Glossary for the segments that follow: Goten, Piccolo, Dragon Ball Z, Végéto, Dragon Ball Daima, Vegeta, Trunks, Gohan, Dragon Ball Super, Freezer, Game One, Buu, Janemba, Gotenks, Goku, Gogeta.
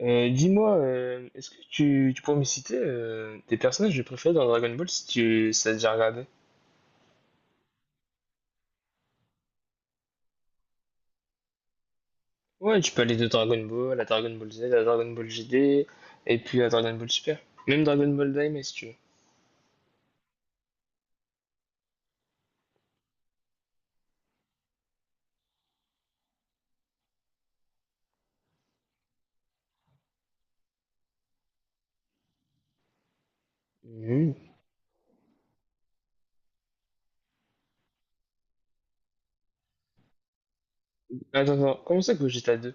Dis-moi, est-ce que tu pourrais me citer tes personnages préférés dans Dragon Ball si tu si t'as déjà regardé? Ouais, tu peux aller de Dragon Ball à Dragon Ball Z, à Dragon Ball GD, et puis à Dragon Ball Super. Même Dragon Ball Daima si tu veux. Mhm. Attends, attends, comment ça que GTA deux?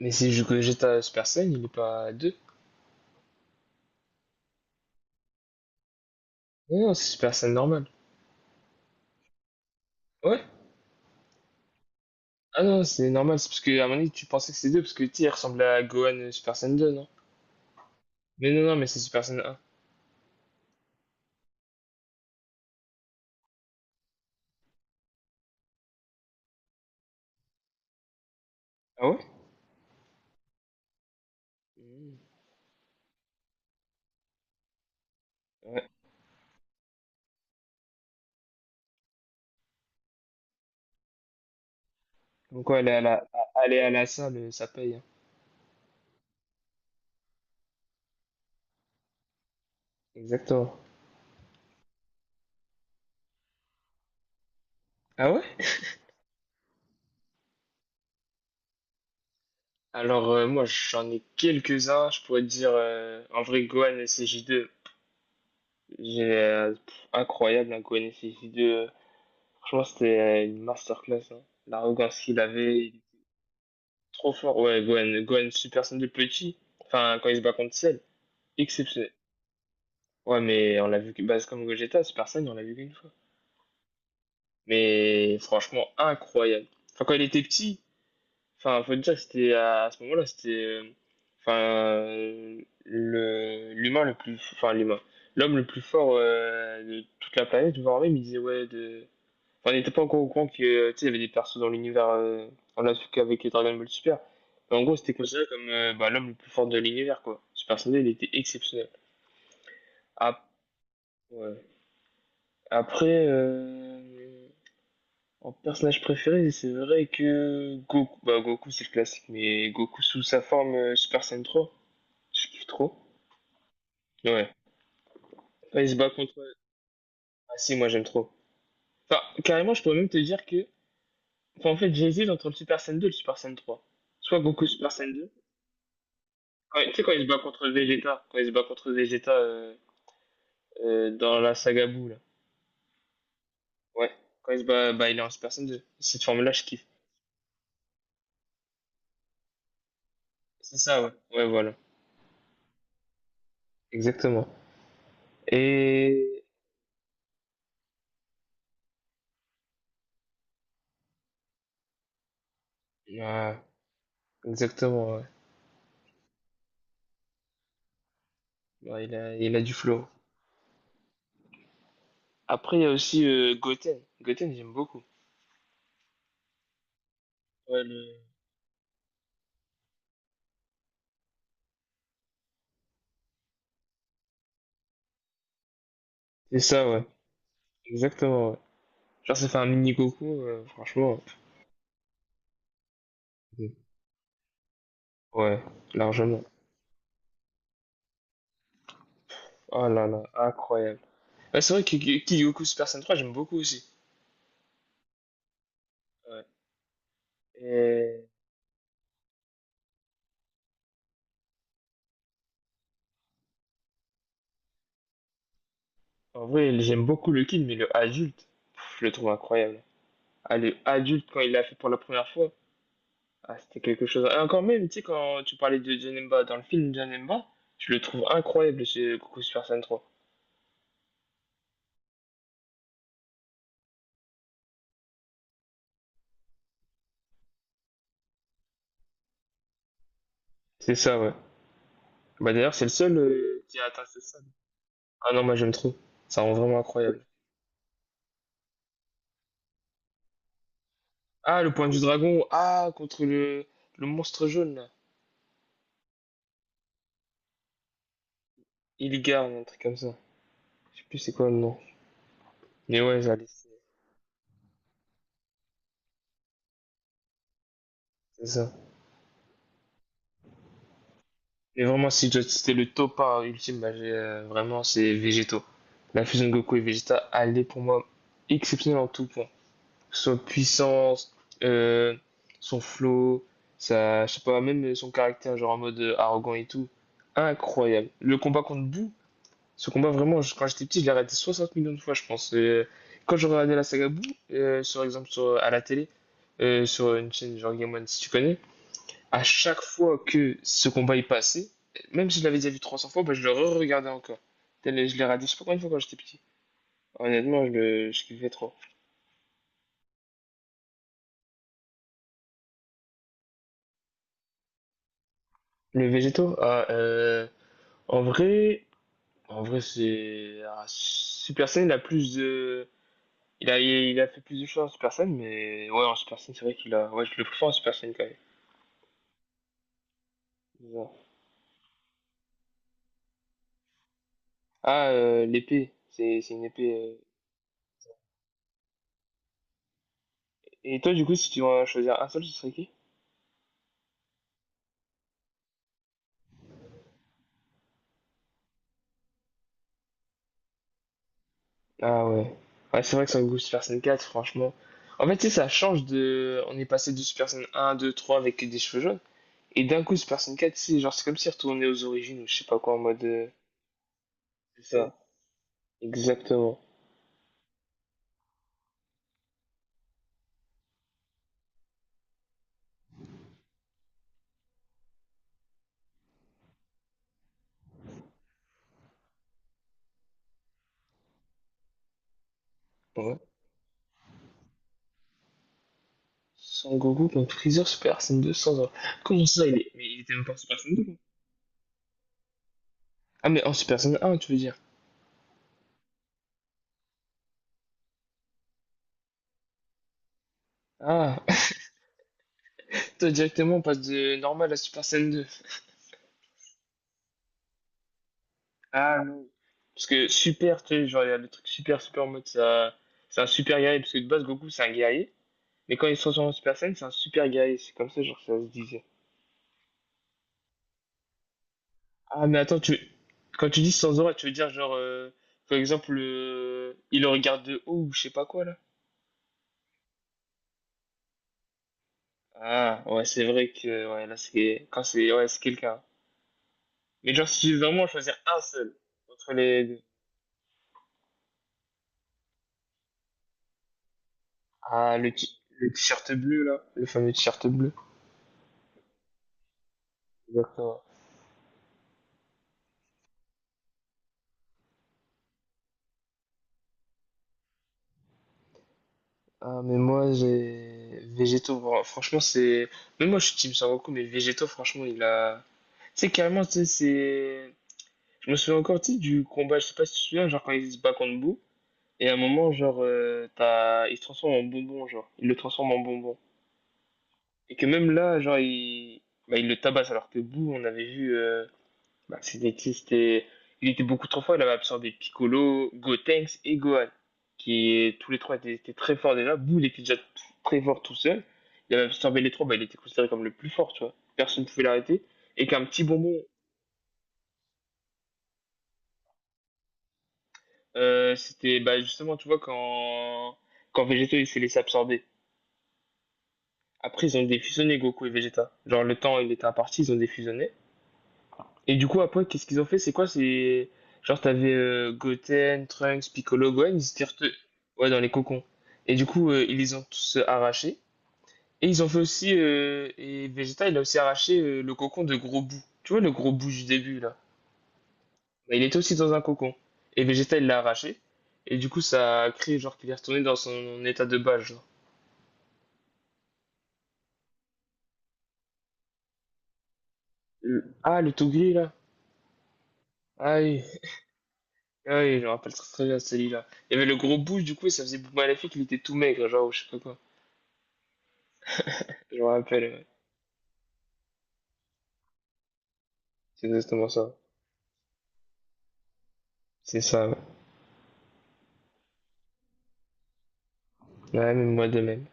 Mais si, je que GTA Super Saiyan, il est pas deux. Non, non, c'est Super Saiyan normal. Ouais? Ah non, c'est normal, c'est parce que à mon avis tu pensais que c'est 2 parce que tu sais, il ressemblait à Gohan Super Saiyan 2, non? Mais non, non, mais c'est Super Saiyan un. Ah ouais? Mhm. Donc quoi, aller à aller à la salle, ça paye, hein. Exactement. Ah ouais? Alors moi j'en ai quelques-uns, je pourrais te dire en vrai Gohan SJ2, j'ai incroyable un Gohan SJ2. Franchement c'était une masterclass, hein. L'arrogance qu'il avait, il est trop fort. Ouais, Gohan Super Saiyan de petit. Enfin quand il se bat contre Ciel, exceptionnel. Ouais mais on l'a vu que bah, c'est comme Gogeta, Super Saiyan, on l'a vu qu'une fois. Mais franchement incroyable. Enfin quand il était petit, enfin, faut dire, c'était à ce moment-là, c'était, enfin, le l'humain le plus, enfin l'humain, l'homme le plus fort de toute la planète, voire même, il disait ouais de, enfin, on n'était pas encore au courant que, tu sais, il y avait des persos dans l'univers, on l'a su qu'avec les Dragon Ball Super, mais en gros, c'était considéré comme bah, l'homme le plus fort de l'univers, quoi. Ce personnage, il était exceptionnel. Ap- ouais. Après, en personnage préféré, c'est vrai que Goku, bah Goku, c'est le classique, mais Goku sous sa forme Super Saiyan trois, je kiffe trop. Ouais. Ouais, il se bat contre. Ah si, moi j'aime trop. Enfin, carrément, je pourrais même te dire que. Enfin, en fait, j'hésite entre le Super Saiyan 2 et le Super Saiyan trois. Soit Goku Super Saiyan deux. Tu sais, quand il se bat contre Vegeta. Quand il se bat contre Vegeta dans la saga Buu, là. Ouais. Quand il se bat, bah, il est en Super Saiyan deux. Cette forme-là, je kiffe. C'est ça, ouais. Ouais, voilà. Exactement. Et. Ouais, exactement, ouais. Ouais, il a du flow. Après, il y a aussi Goten. Goten, j'aime beaucoup. Ouais, le- C'est ça, ouais. Exactement, ouais. Genre, ça fait un mini Goku, franchement. Mhm. Ouais, largement. Oh là là, incroyable. Ouais, c'est vrai que Kygoku Super Saiyan trois, j'aime beaucoup aussi. Ouais. Et en vrai, j'aime beaucoup le Kid, mais le adulte, pff, je le trouve incroyable. Ah, le adulte, quand il l'a fait pour la première fois, ah, c'était quelque chose. Et encore même, tu sais, quand tu parlais de Janemba dans le film Janemba, je le trouve incroyable chez Goku Super Saiyan trois. C'est ça, ouais. Bah d'ailleurs, c'est le seul qui a atteint ce stade. Ah non, moi j'aime trop. Ça rend vraiment incroyable. Ah, le point du dragon. Ah, contre le monstre jaune, là. Illigan, un truc comme ça. Je sais plus c'est quoi le nom. Mais ouais, j'allais, c'est ça. Et vraiment, si je dois citer le top un ultime, bah, j'ai, vraiment, c'est Végéto. La fusion de Goku et Vegeta, elle est pour moi exceptionnelle en tout point. Que puissance, euh, son flow, sa, je sais pas, même son caractère, genre en mode arrogant et tout. Incroyable. Le combat contre Buu, ce combat, vraiment, quand j'étais petit, je l'ai regardé 60 millions de fois, je pense. Et quand je regardais la saga Boo, sur exemple sur, à la télé, sur une chaîne genre Game One, si tu connais, à chaque fois que ce combat est passé, même si je l'avais déjà vu 300 fois, bah, je le re-regardais encore. Je l'ai regardé, je sais pas combien de fois quand j'étais petit. Honnêtement, je kiffais trop. Les végétaux, ah, en vrai, en vrai, c'est. Ah, Super Saiyan, il a plus de. Il a fait plus de choses en Super Saiyan, mais ouais, en Super Saiyan, c'est vrai qu'il a. Ouais, je le préfère en Super Saiyan quand même. C'est ça. Ah, l'épée. C'est une épée, Et toi, du coup, si tu dois choisir un seul, ce serait qui? Ah ouais. Ouais, c'est vrai que sur le goût Super Saiyan 4, franchement. En fait, tu sais, ça change de. On est passé de Super Saiyan 1, 2, 3 avec des cheveux jaunes. Et d'un coup, Super Saiyan 4, c'est genre, c'est comme si retourné aux origines ou je sais pas quoi en mode. C'est ça, exactement. Ouais. Sans Goku contre Freezer Super Saiyan 2 sans or. Comment ça, il est. Mais il était même pas en Super Saiyan 2, lui. Ah, mais en Super Saiyan 1, tu veux dire. Ah, toi, directement, on passe de normal à Super Saiyan 2. Ah, parce que super, tu sais, genre, il y a le truc super, super en mode, ça, c'est un super guerrier, parce que de base, Goku, c'est un guerrier. Mais quand il se transforme en Super Saiyan, c'est un super guerrier. C'est comme ça, genre, ça se disait. Ah, mais attends, tu, quand tu dis Sanzora, tu veux dire, genre, par exemple, il le regarde de haut ou je sais pas quoi, là? Ah, ouais, c'est vrai que, ouais, là, c'est, quand c'est, ouais, c'est quelqu'un. Mais genre, si tu veux vraiment choisir un seul, entre les deux. Ah, le t-shirt bleu, là, le fameux t-shirt bleu. Exactement. Ah, mais moi, j'ai végétaux. Bon, franchement, c'est. Même moi, je suis team Sangoku, mais végétaux, franchement, il a. Tu sais, carrément, tu sais, c'est. Je me souviens encore, tu sais, du combat, je sais pas si tu te souviens, genre quand il se bat contre Boo, et à un moment, genre, t'as... il se transforme en bonbon, genre. Il le transforme en bonbon. Et que même là, genre, il. Bah, il le tabasse, alors que Boo, on avait vu, bah, Spalletti, c'était... Il était beaucoup trop fort. Il avait absorbé Piccolo, Gotenks et Gohan, qui tous les trois étaient très forts déjà. Boule était déjà très fort tout seul. Il avait absorbé les trois, bah, il était considéré comme le plus fort, tu vois. Personne ne pouvait l'arrêter. Et qu'un petit bonbon, c'était bah, justement, tu vois, quand, quand Vegeta il s'est laissé absorber. Après, ils ont défusionné Goku et Vegeta. Genre, le temps, il était imparti, ils ont défusionné. Et du coup, après, qu'est-ce qu'ils ont fait? C'est quoi? C'est genre, t'avais Goten, Trunks, Piccolo, Gohan, ils étaient ouais, dans les cocons. Et du coup, ils les ont tous arrachés. Et ils ont fait aussi, Vegeta, il a aussi arraché le cocon de Gros Bout. Tu vois, le Gros Bout du début, là. Bah, il était aussi dans un cocon. Et Vegeta, il l'a arraché. Et du coup, ça a créé, genre, qu'il est retourné dans son état de base, genre. Ah, le Togri, là. Ah oui, ah oui, je me rappelle très, très bien celui-là. Il y avait le gros bouche, du coup, et ça faisait bout maléfique, il était tout maigre, genre, ou je sais pas quoi. Je me rappelle, ouais. C'est exactement ça. C'est ça. Ouais, ouais, mais moi de même.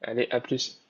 Allez, à plus.